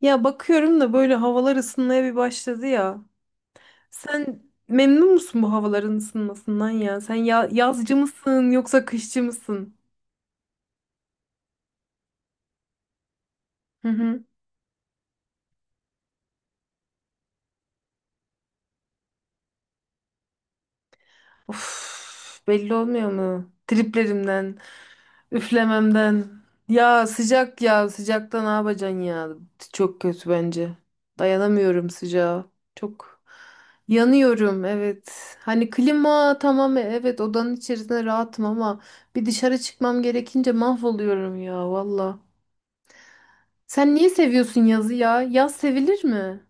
Ya bakıyorum da böyle havalar ısınmaya bir başladı ya. Sen memnun musun bu havaların ısınmasından ya? Sen ya yazcı mısın yoksa kışçı mısın? Hı hı. Of, belli olmuyor mu? Triplerimden, üflememden. Ya sıcak ya sıcakta ne yapacaksın ya? Çok kötü bence. Dayanamıyorum sıcağa. Çok yanıyorum, evet. Hani klima tamam, evet, odanın içerisinde rahatım ama bir dışarı çıkmam gerekince mahvoluyorum ya valla. Sen niye seviyorsun yazı ya? Yaz sevilir mi?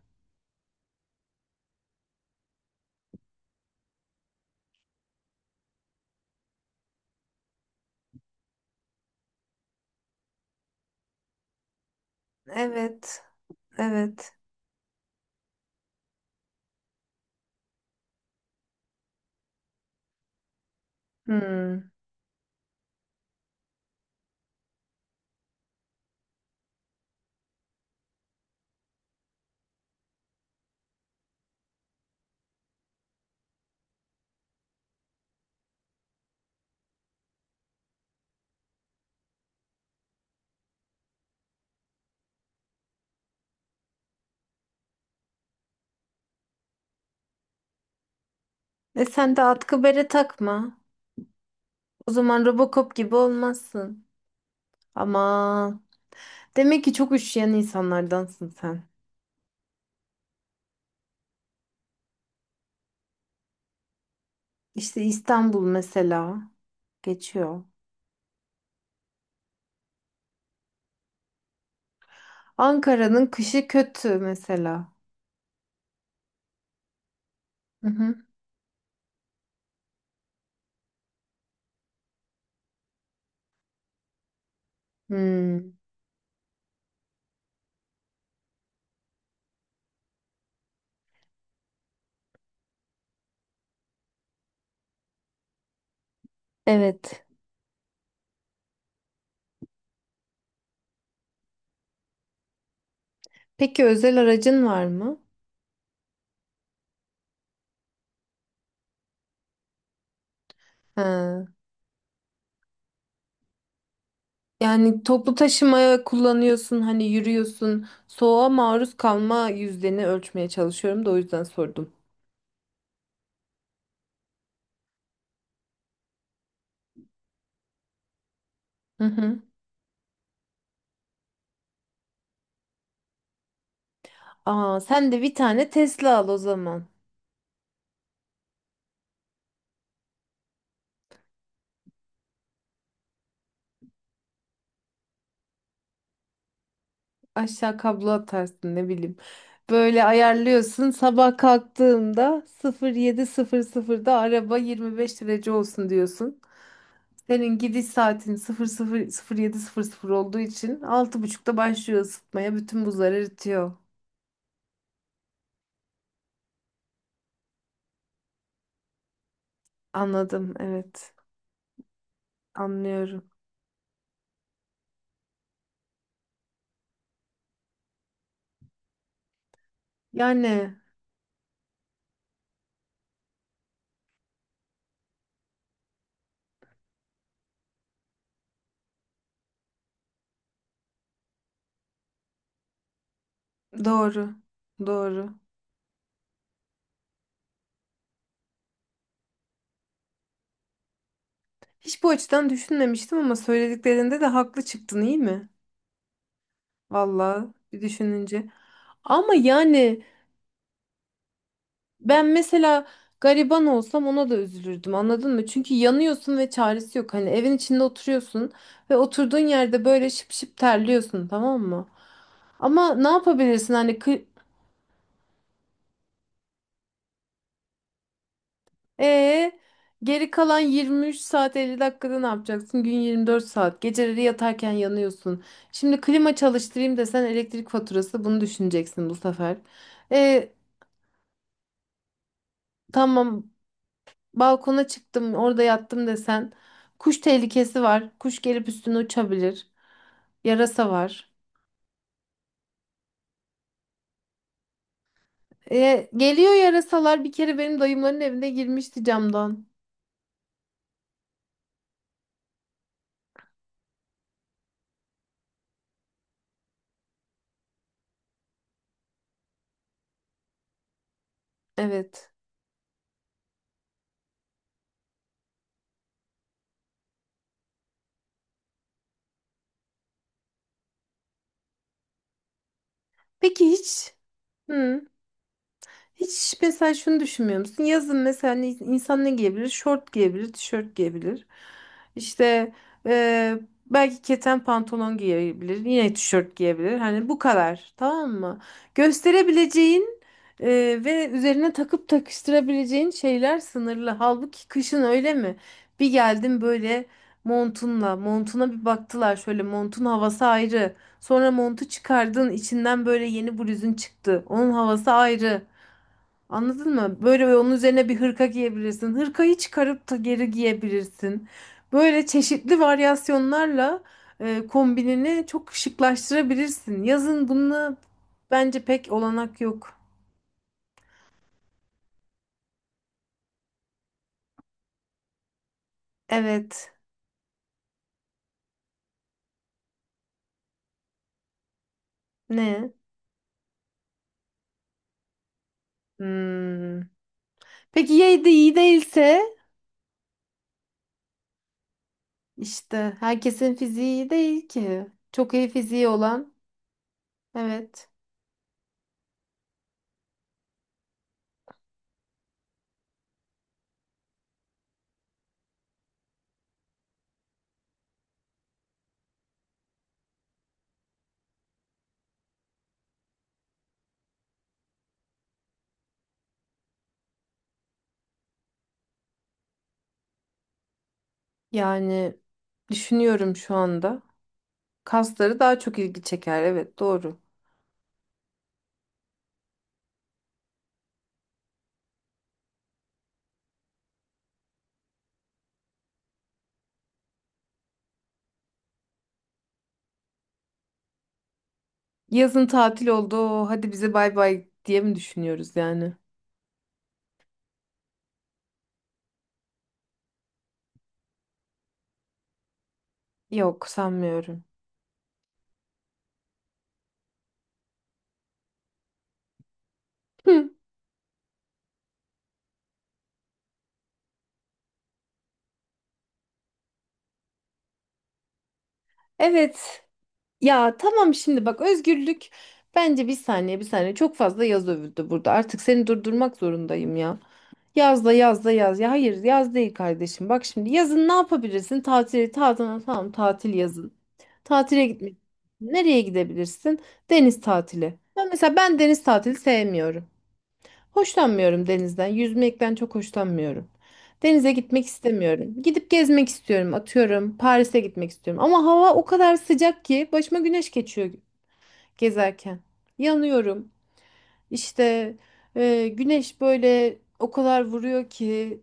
Evet, evet. Hmm. E sen de atkı bere takma. O zaman Robocop gibi olmazsın. Ama demek ki çok üşüyen insanlardansın sen. İşte İstanbul mesela geçiyor. Ankara'nın kışı kötü mesela. Hı hı. Hmm, evet. Peki özel aracın var mı? Ha. Yani toplu taşımaya kullanıyorsun, hani yürüyorsun. Soğuğa maruz kalma yüzdeni ölçmeye çalışıyorum da o yüzden sordum. Hı hı. Aa, sen de bir tane Tesla al o zaman. Aşağı kablo atarsın, ne bileyim. Böyle ayarlıyorsun. Sabah kalktığımda 07:00'da araba 25 derece olsun diyorsun. Senin gidiş saatin sıfır sıfır sıfır sıfır yedi sıfır sıfır olduğu için 06:30'da başlıyor ısıtmaya. Bütün buzlar eritiyor. Anladım, evet. Anlıyorum. Yani doğru. Doğru. Hiç bu açıdan düşünmemiştim ama söylediklerinde de haklı çıktın, iyi mi? Vallahi bir düşününce. Ama yani ben mesela gariban olsam ona da üzülürdüm, anladın mı? Çünkü yanıyorsun ve çaresi yok. Hani evin içinde oturuyorsun ve oturduğun yerde böyle şıp şıp terliyorsun, tamam mı? Ama ne yapabilirsin hani kı ee, geri kalan 23 saat 50 dakikada ne yapacaksın? Gün 24 saat. Geceleri yatarken yanıyorsun. Şimdi klima çalıştırayım desen elektrik faturası bunu düşüneceksin bu sefer. E, tamam, balkona çıktım, orada yattım desen kuş tehlikesi var. Kuş gelip üstüne uçabilir. Yarasa var. Geliyor yarasalar, bir kere benim dayımların evine girmişti camdan. Evet. Peki hiç? Hı. Hiç mesela şunu düşünmüyor musun? Yazın mesela insan ne giyebilir? Şort giyebilir, tişört giyebilir. İşte eee, belki keten pantolon giyebilir, yine tişört giyebilir. Hani bu kadar, tamam mı? Gösterebileceğin ve üzerine takıp takıştırabileceğin şeyler sınırlı. Halbuki kışın öyle mi? Bir geldim böyle montunla, montuna bir baktılar, şöyle montun havası ayrı. Sonra montu çıkardın, içinden böyle yeni bluzun çıktı. Onun havası ayrı. Anladın mı? Böyle onun üzerine bir hırka giyebilirsin. Hırkayı çıkarıp da geri giyebilirsin. Böyle çeşitli varyasyonlarla kombinini çok şıklaştırabilirsin. Yazın bununla bence pek olanak yok. Evet. Ne? Hmm. Peki ya de iyi değilse? İşte herkesin fiziği iyi değil ki. Çok iyi fiziği olan. Evet. Yani düşünüyorum şu anda. Kasları daha çok ilgi çeker. Evet, doğru. Yazın tatil oldu. Hadi bize bay bay diye mi düşünüyoruz yani? Yok, sanmıyorum. Hı, evet. Ya tamam, şimdi bak, özgürlük bence, bir saniye bir saniye, çok fazla yaz övüldü burada. Artık seni durdurmak zorundayım ya. Yaz da yaz da yaz. Ya hayır, yaz değil kardeşim. Bak şimdi yazın ne yapabilirsin? Tatili tatil, tamam, tatil yazın. Tatile gitmek. Nereye gidebilirsin? Deniz tatili. Ben mesela, ben deniz tatili sevmiyorum. Hoşlanmıyorum denizden. Yüzmekten çok hoşlanmıyorum. Denize gitmek istemiyorum. Gidip gezmek istiyorum. Atıyorum, Paris'e gitmek istiyorum. Ama hava o kadar sıcak ki başıma güneş geçiyor gezerken. Yanıyorum. İşte güneş böyle o kadar vuruyor ki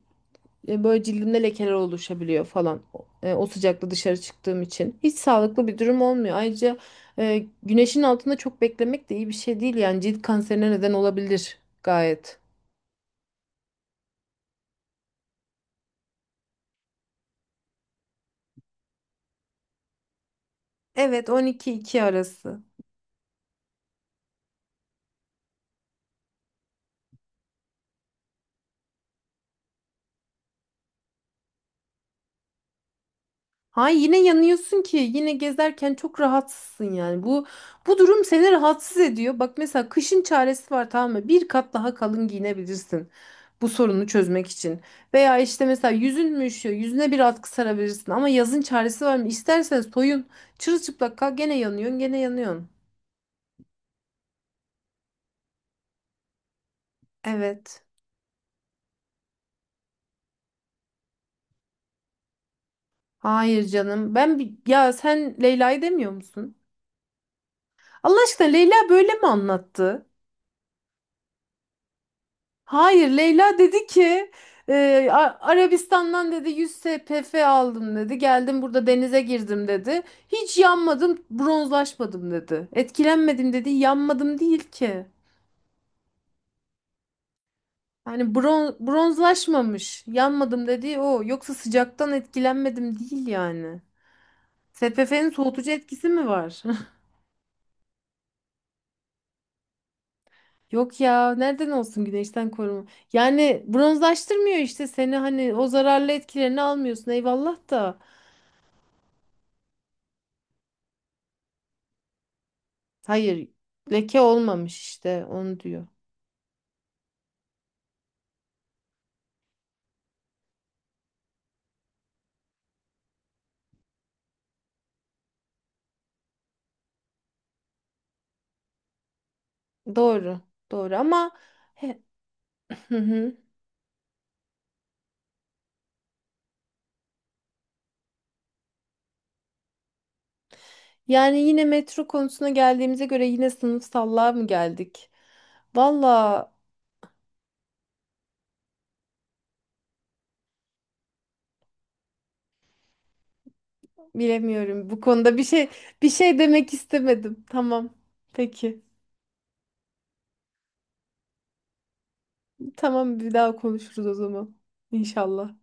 böyle cildimde lekeler oluşabiliyor falan. O sıcakta dışarı çıktığım için. Hiç sağlıklı bir durum olmuyor. Ayrıca güneşin altında çok beklemek de iyi bir şey değil. Yani cilt kanserine neden olabilir gayet. Evet, 12-2 arası. Hay, yine yanıyorsun ki yine gezerken çok rahatsızsın yani. Bu durum seni rahatsız ediyor. Bak mesela kışın çaresi var, tamam mı? Bir kat daha kalın giyinebilirsin. Bu sorunu çözmek için. Veya işte mesela yüzün mü üşüyor? Yüzüne bir atkı sarabilirsin. Ama yazın çaresi var mı? İstersen soyun. Çırılçıplak kal, gene yanıyorsun, gene yanıyorsun. Evet. Hayır canım. Ben ya sen Leyla'yı demiyor musun? Allah aşkına, Leyla böyle mi anlattı? Hayır, Leyla dedi ki Arabistan'dan dedi 100 SPF aldım dedi. Geldim burada denize girdim dedi. Hiç yanmadım, bronzlaşmadım dedi. Etkilenmedim dedi. Yanmadım değil ki. Yani bronzlaşmamış. Yanmadım dedi o. Yoksa sıcaktan etkilenmedim değil yani. SPF'nin soğutucu etkisi mi var? Yok ya, nereden olsun güneşten koruma. Yani bronzlaştırmıyor işte seni, hani o zararlı etkilerini almıyorsun, eyvallah da. Hayır, leke olmamış işte, onu diyor. Doğru, doğru ama he- hı hı. Yani yine metro konusuna geldiğimize göre yine sınıfsallığa mı geldik? Valla, bilemiyorum bu konuda bir şey. Bir şey demek istemedim. Tamam. Peki. Tamam, bir daha konuşuruz o zaman. İnşallah.